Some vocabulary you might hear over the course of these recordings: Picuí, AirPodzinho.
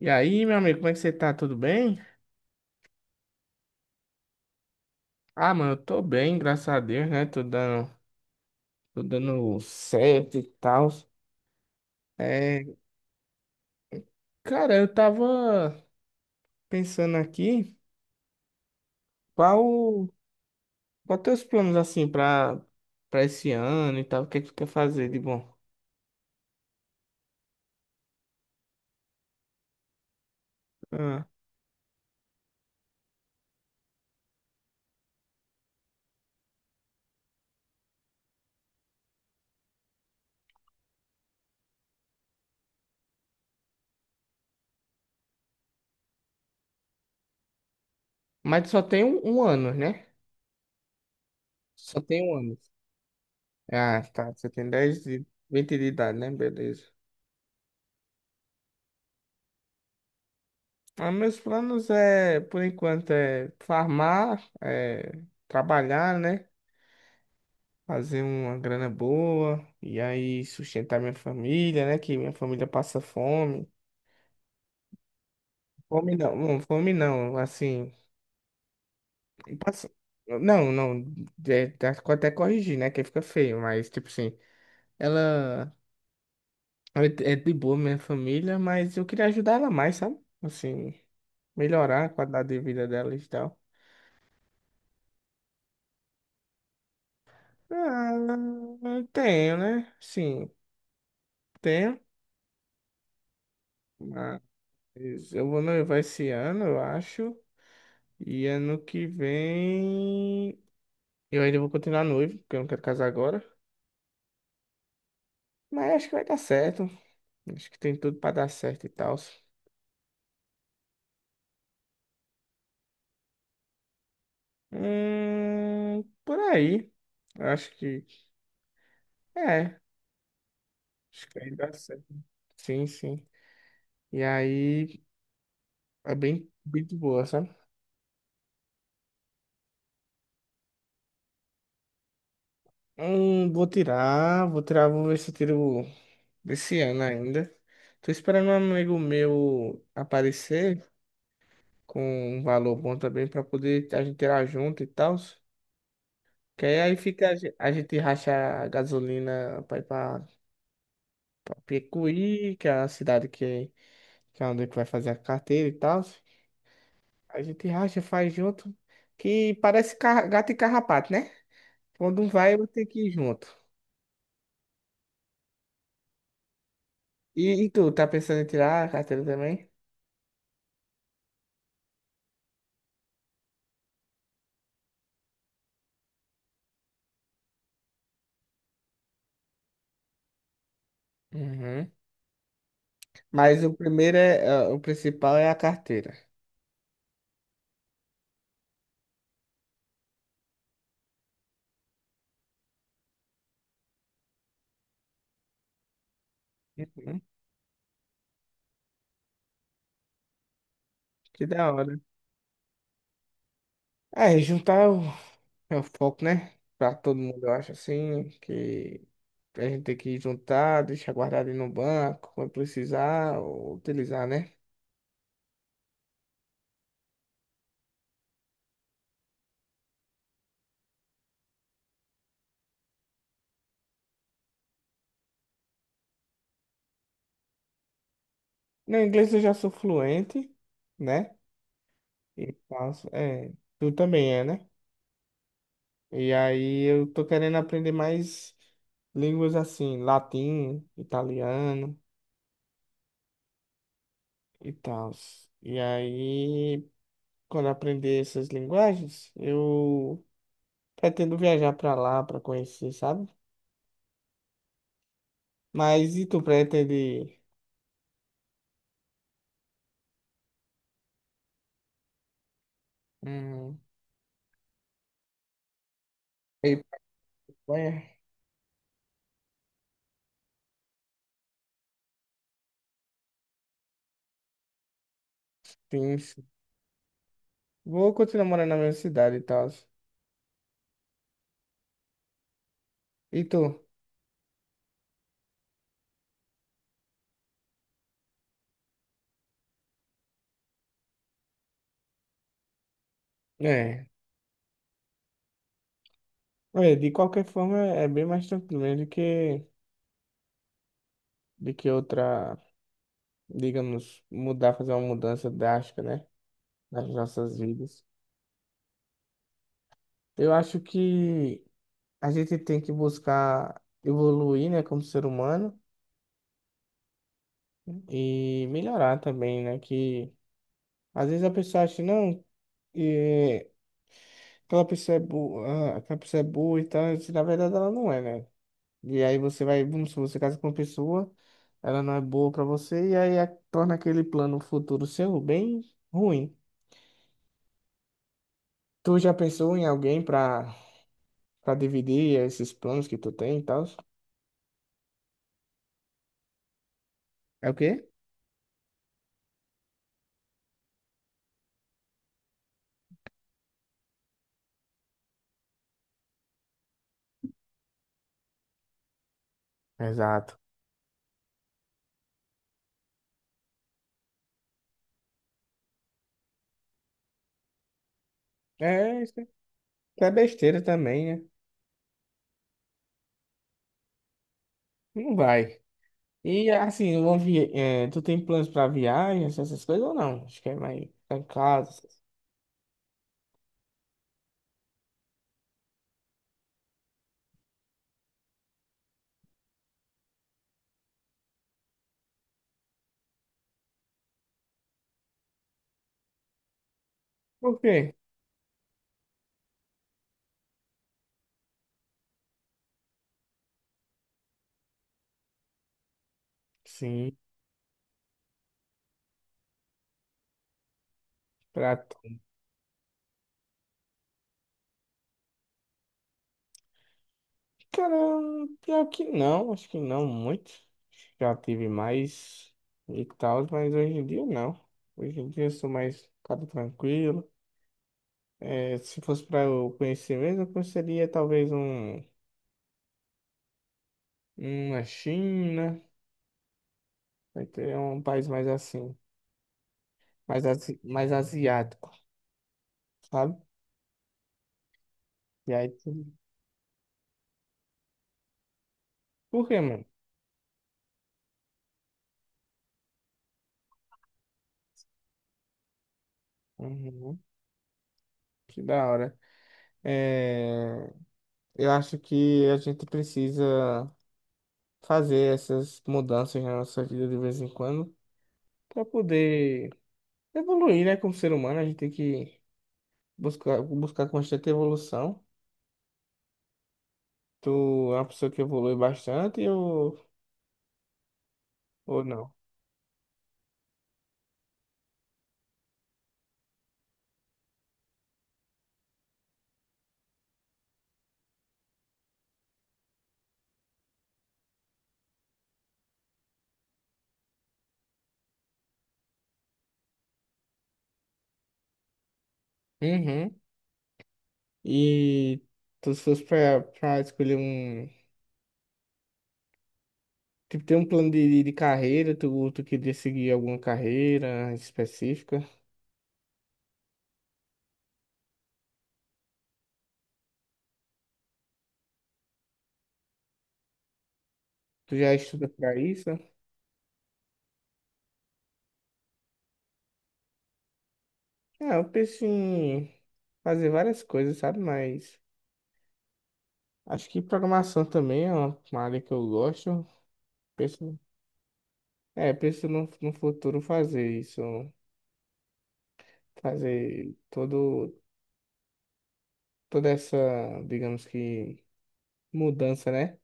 E aí, meu amigo, como é que você tá? Tudo bem? Ah, mano, eu tô bem, graças a Deus, né? Tô dando certo e tal. É, cara, eu tava pensando aqui, qual, qual teus planos assim pra esse ano e tal? O que é que tu quer fazer de bom? Ah, mas só tem um ano, né? Só tem um ano. Ah, tá. Você tem 10 e vinte de idade, né? Beleza. Ah, meus planos é, por enquanto, é farmar, é trabalhar, né? Fazer uma grana boa e aí sustentar minha família, né? Que minha família passa fome. Fome não, não, fome não, assim, passa... Não, não, é, até corrigir, né? Que fica feio, mas tipo assim, ela ela é de boa minha família, mas eu queria ajudar ela mais, sabe? Assim, melhorar a qualidade de vida dela e tal. Ah, eu tenho, né? Sim, tenho. Mas eu vou noivar esse ano, eu acho. E ano que vem eu ainda vou continuar noivo, porque eu não quero casar agora. Mas acho que vai dar certo. Acho que tem tudo pra dar certo e tal. Por aí. Acho que é. Acho que vai dar certo. Sim, sim. E aí é bem, bem de boa, sabe? Vou tirar, vou ver se eu tiro desse ano ainda. Tô esperando um amigo meu aparecer com um valor bom também pra poder a gente tirar junto e tal. Que aí fica, a a gente racha a gasolina pra ir pra Picuí, que é a cidade que é onde que vai fazer a carteira e tal. A gente racha, faz junto, que parece gato e carrapato, né? Quando um vai, eu tenho que ir junto. E tu, tá pensando em tirar a carteira também? Uhum. Mas o primeiro o principal é a carteira. Uhum. Que da hora. É, juntar é o foco, né? Pra todo mundo, eu acho assim, que a gente tem que juntar, deixar guardado aí no banco, quando precisar, ou utilizar, né? No inglês eu já sou fluente, né? E faço, é, tu também é, né? E aí eu tô querendo aprender mais línguas assim, latim, italiano e tal. E aí, quando eu aprender essas linguagens, eu pretendo viajar pra lá pra conhecer, sabe? Mas e tu pretende hum, ir pra Espanha? Sim, vou continuar morando na mesma cidade e tal. E tu? É. É, de qualquer forma, é bem mais tranquilo mesmo do que outra, digamos, mudar, fazer uma mudança drástica, né? Nas nossas vidas. Eu acho que a gente tem que buscar evoluir, né, como ser humano e melhorar também, né? Que às vezes a pessoa acha, não, é, aquela pessoa é boa, aquela pessoa é boa e tal, e na verdade ela não é, né? E aí você vai, vamos supor, você casa com uma pessoa, ela não é boa pra você, e aí torna aquele plano futuro seu bem ruim. Tu já pensou em alguém pra dividir esses planos que tu tem e tal? É o quê? Exato. É, isso é besteira também, né? Não vai. E assim, é, tu tem planos pra viagens, essas coisas ou não? Acho que é mais ficar em casa. Por quê? Sim, pra cara, pior que não, acho que não muito. Já tive mais e tal, mas hoje em dia não. Hoje em dia eu sou mais cara tranquilo. É, se fosse pra eu conhecer mesmo, eu conheceria talvez um, uma China, vai ter um país mais assim, mais, mais asiático, sabe? E aí, por quê, mano? Uhum, que da hora. É, eu acho que a gente precisa fazer essas mudanças na nossa vida de vez em quando para poder evoluir, né? Como ser humano, a gente tem que buscar constante evolução. Tu é uma pessoa que evolui bastante ou não? Uhum. E tu se fosse pra escolher um. Tipo, ter um plano de carreira, tu queria seguir alguma carreira específica? Tu já estuda pra isso? Ah, eu penso em fazer várias coisas, sabe? Mas. Acho que programação também é uma área que eu gosto. Penso, é, penso no futuro fazer isso, fazer todo, toda essa, digamos que, mudança, né?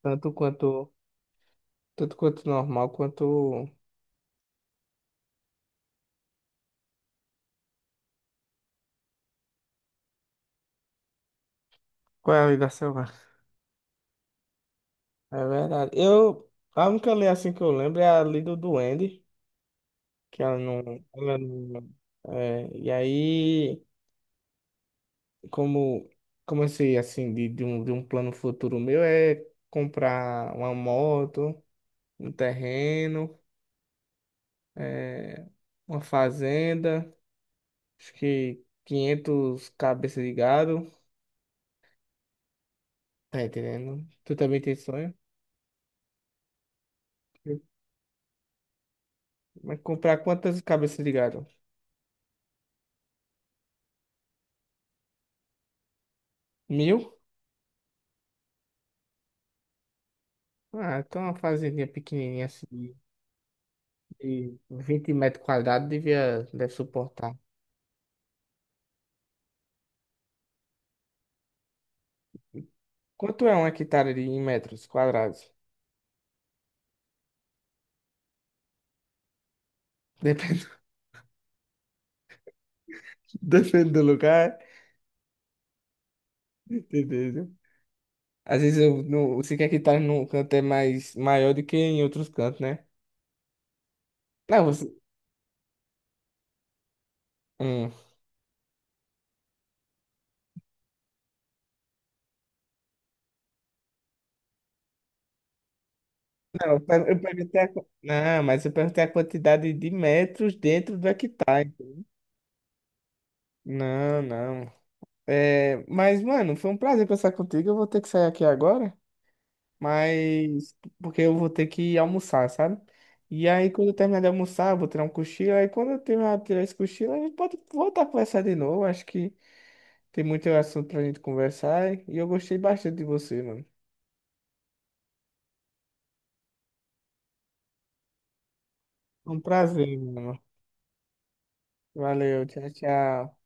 Tanto quanto, tanto quanto normal, quanto... Qual é a lei da selva? É verdade. Eu, a única lei assim que eu lembro é a lei do duende, que ela não... Ela não é, e aí... como, como eu sei, assim, de um plano futuro meu é comprar uma moto, um terreno, é, uma fazenda, acho que 500 cabeças de gado, tá entendendo? Tu também tem sonho? Mas comprar quantas cabeças de gado? Mil? Ah, então uma fazendinha pequenininha assim, de 20 metros quadrados devia, deve suportar. Quanto é uma hectare de, em metros quadrados? Depende, depende do lugar. Entendeu? Às vezes eu não, você quer que tá num canto é mais maior do que em outros cantos, né? Não, você. Hum. Não, eu perguntei não, mas eu perguntei a quantidade de metros dentro do hectare. Não, não. É, mas, mano, foi um prazer conversar contigo. Eu vou ter que sair aqui agora, mas porque eu vou ter que almoçar, sabe? E aí, quando eu terminar de almoçar, eu vou tirar um cochilo. Aí, quando eu terminar de tirar esse cochilo, a gente pode voltar a conversar de novo. Acho que tem muito assunto pra gente conversar e eu gostei bastante de você, mano. Foi um prazer, mano. Valeu, tchau, tchau.